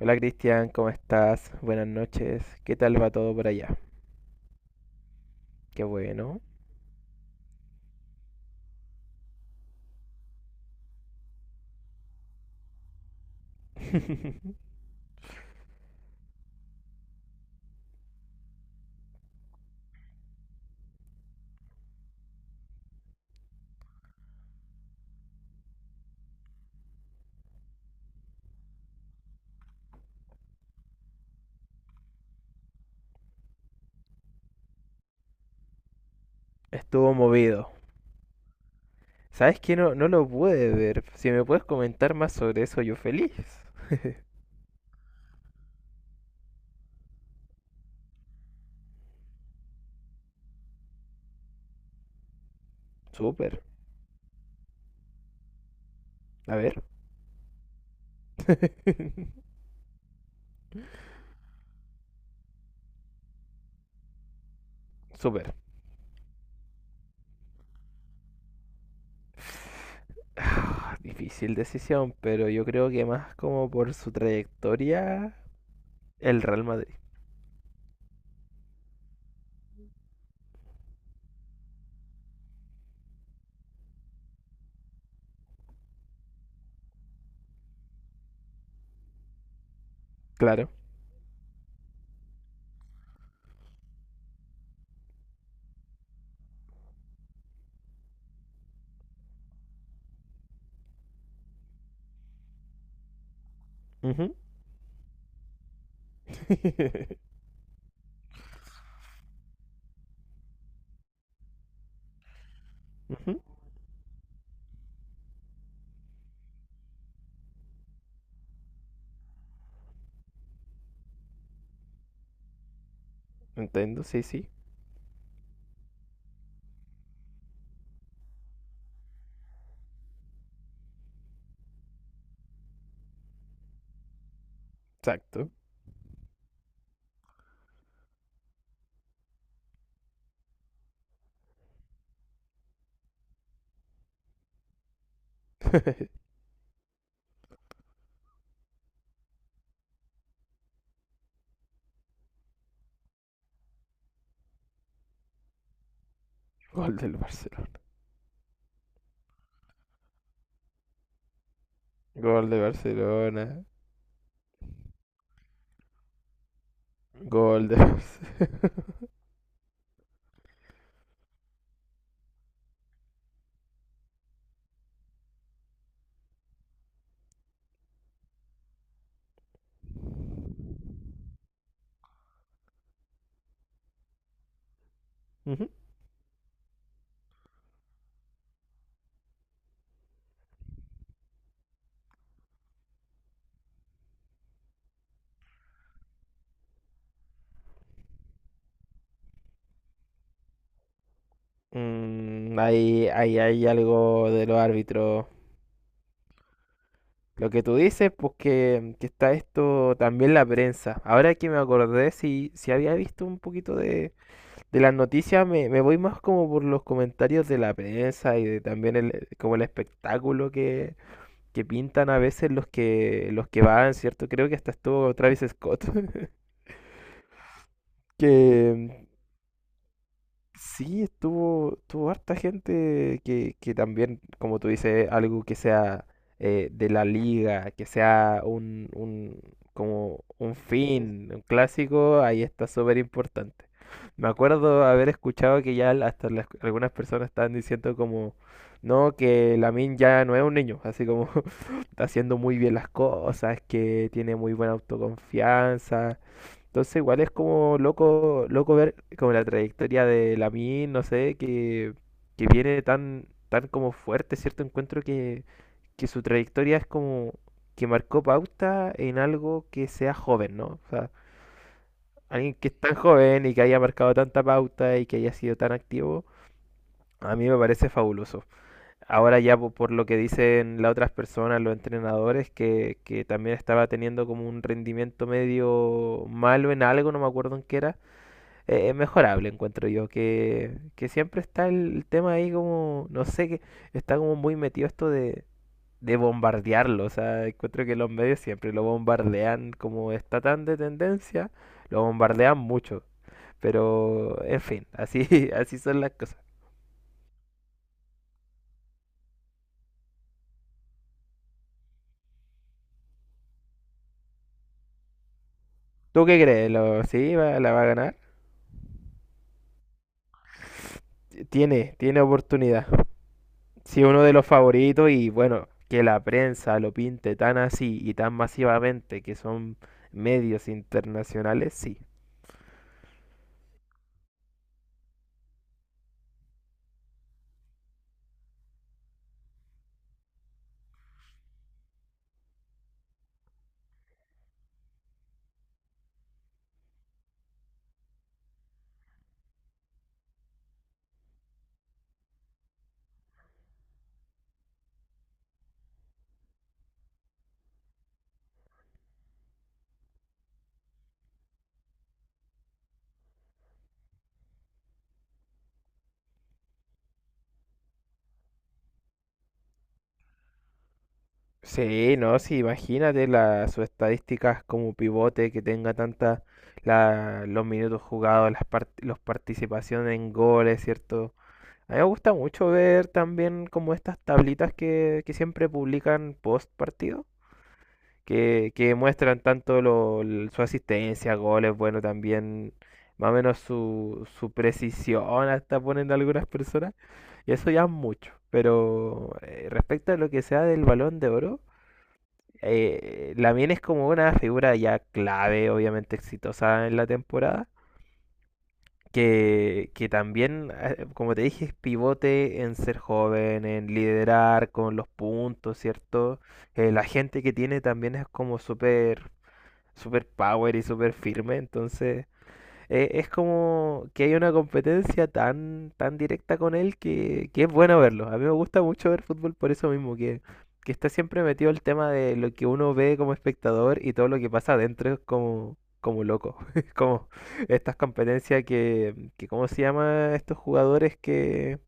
Hola Cristian, ¿cómo estás? Buenas noches. ¿Qué tal va todo por allá? Qué bueno. Estuvo movido. ¿Sabes qué? No, no lo pude ver. Si me puedes comentar más sobre eso, yo feliz. Súper. A ver. Súper. Ah, Difícil decisión, pero yo creo que más como por su trayectoria, el Real Madrid. Claro. Ujú. Ujú. Entiendo, sí, sí. Exacto. Gol del Barcelona. Gol de Barcelona. Gol de Ujú. Mm, ahí, ahí hay algo de los árbitros. Lo que tú dices, pues que está esto también la prensa. Ahora que me acordé, si, si había visto un poquito de las noticias, me voy más como por los comentarios de la prensa y de también el, como el espectáculo que pintan a veces los que van, ¿cierto? Creo que hasta estuvo Travis Scott, que, sí, estuvo, estuvo harta gente que también, como tú dices, algo que sea de la liga, que sea un, como un fin, un clásico, ahí está súper importante. Me acuerdo haber escuchado que ya al- hasta las- algunas personas estaban diciendo como, no, que Lamin ya no es un niño, así como está haciendo muy bien las cosas, que tiene muy buena autoconfianza, entonces igual es como loco, loco ver como la trayectoria de Lamine, no sé, que viene tan, tan como fuerte, ¿cierto? Encuentro que su trayectoria es como que marcó pauta en algo que sea joven, ¿no? O sea, alguien que es tan joven y que haya marcado tanta pauta y que haya sido tan activo, a mí me parece fabuloso. Ahora ya po- por lo que dicen las otras personas, los entrenadores, que también estaba teniendo como un rendimiento medio malo en algo, no me acuerdo en qué era es mejorable, encuentro yo, que siempre está el tema ahí como, no sé, que está como muy metido esto de bombardearlo, o sea, encuentro que los medios siempre lo bombardean, como está tan de tendencia, lo bombardean mucho, pero en fin, así, así son las cosas. ¿Tú qué crees? ¿Lo, sí, va- la va a ganar? Tiene, tiene oportunidad. Sí, uno de los favoritos y bueno, que la prensa lo pinte tan así y tan masivamente que son medios internacionales, sí. Sí, no, sí, imagínate la, sus estadísticas como pivote que tenga tanta la, los minutos jugados, las part los participaciones en goles, ¿cierto? A mí me gusta mucho ver también como estas tablitas que siempre publican post partido, que muestran tanto lo- l- su asistencia, goles, bueno, también más o menos su, su precisión, hasta ponen algunas personas, y eso ya es mucho. Pero respecto a lo que sea del Balón de Oro Lamine es como una figura ya clave, obviamente exitosa en la temporada. Que también, como te dije, es pivote en ser joven, en liderar con los puntos, ¿cierto? La gente que tiene también es como súper, súper power y súper firme. Entonces, es como que hay una competencia tan, tan directa con él que es bueno verlo. A mí me gusta mucho ver fútbol por eso mismo, que está siempre metido el tema de lo que uno ve como espectador y todo lo que pasa adentro es como, como loco. Es como estas competencias que, ¿cómo se llama? Estos jugadores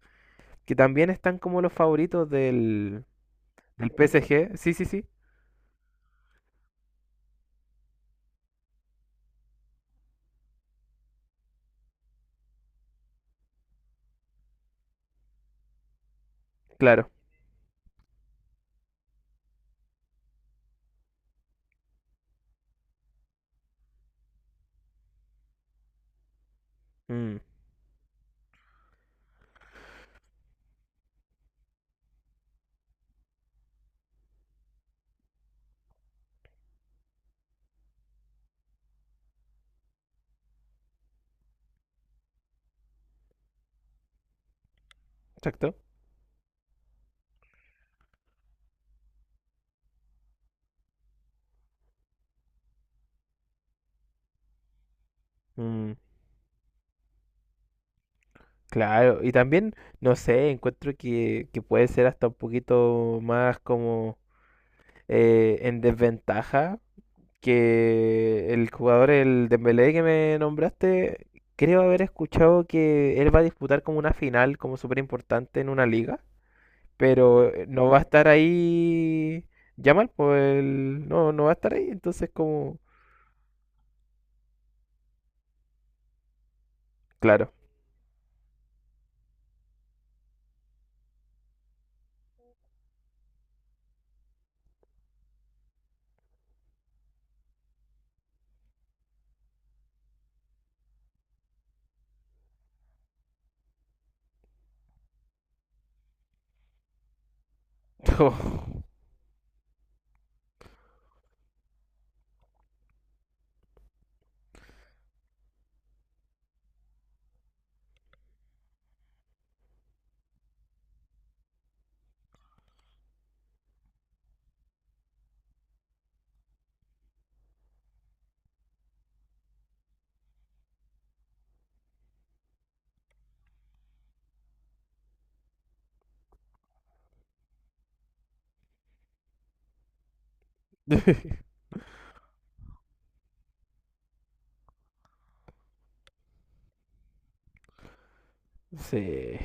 que también están como los favoritos del, del PSG. Sí, sí, sí, claro. Mm, exacto. Mm. Claro, y también, no sé, encuentro que puede ser hasta un poquito más como en desventaja que el jugador, el Dembélé que me nombraste, creo haber escuchado que él va a disputar como una final, como súper importante en una liga, pero no va a estar ahí Yamal, pues el- no, no va a estar ahí, entonces como, claro. Sí.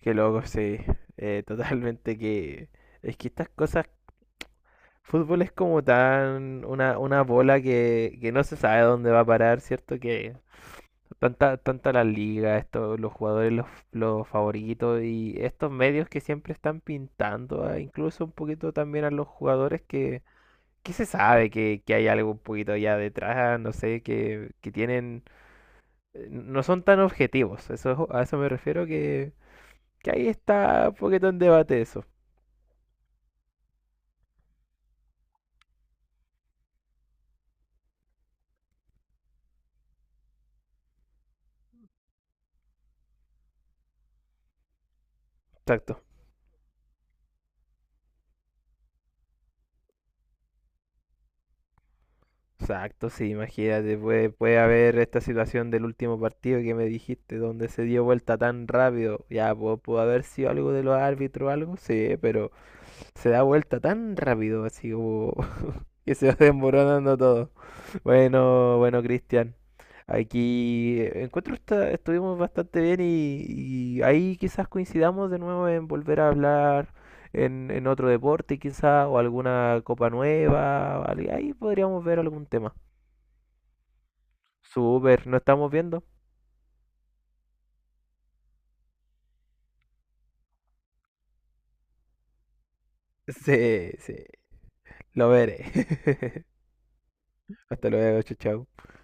Qué loco, sí. Totalmente que... Es que estas cosas... Fútbol es como tan... una bola que no se sabe dónde va a parar, ¿cierto? Que tanta, tanta la liga, esto, los jugadores, los favoritos y estos medios que siempre están pintando, ah, incluso un poquito también a los jugadores que se sabe que hay algo un poquito allá detrás? No sé, que tienen... no son tan objetivos. Eso, es- a eso me refiero que ahí está un poquito en debate eso. Exacto. Exacto, sí, imagínate, puede, puede haber esta situación del último partido que me dijiste, donde se dio vuelta tan rápido. Ya, pu- pudo, haber sido algo de los árbitros o algo, sí, pero se da vuelta tan rápido, así como que se va desmoronando todo. Bueno, bueno, Cristian, aquí encuentro esta- estuvimos bastante bien y ahí quizás coincidamos de nuevo en volver a hablar. En otro deporte quizás, o alguna copa nueva, o algo- ahí podríamos ver algún tema. Super, ¿no estamos viendo? Sí, sí, lo veré. Hasta luego, chao, chao.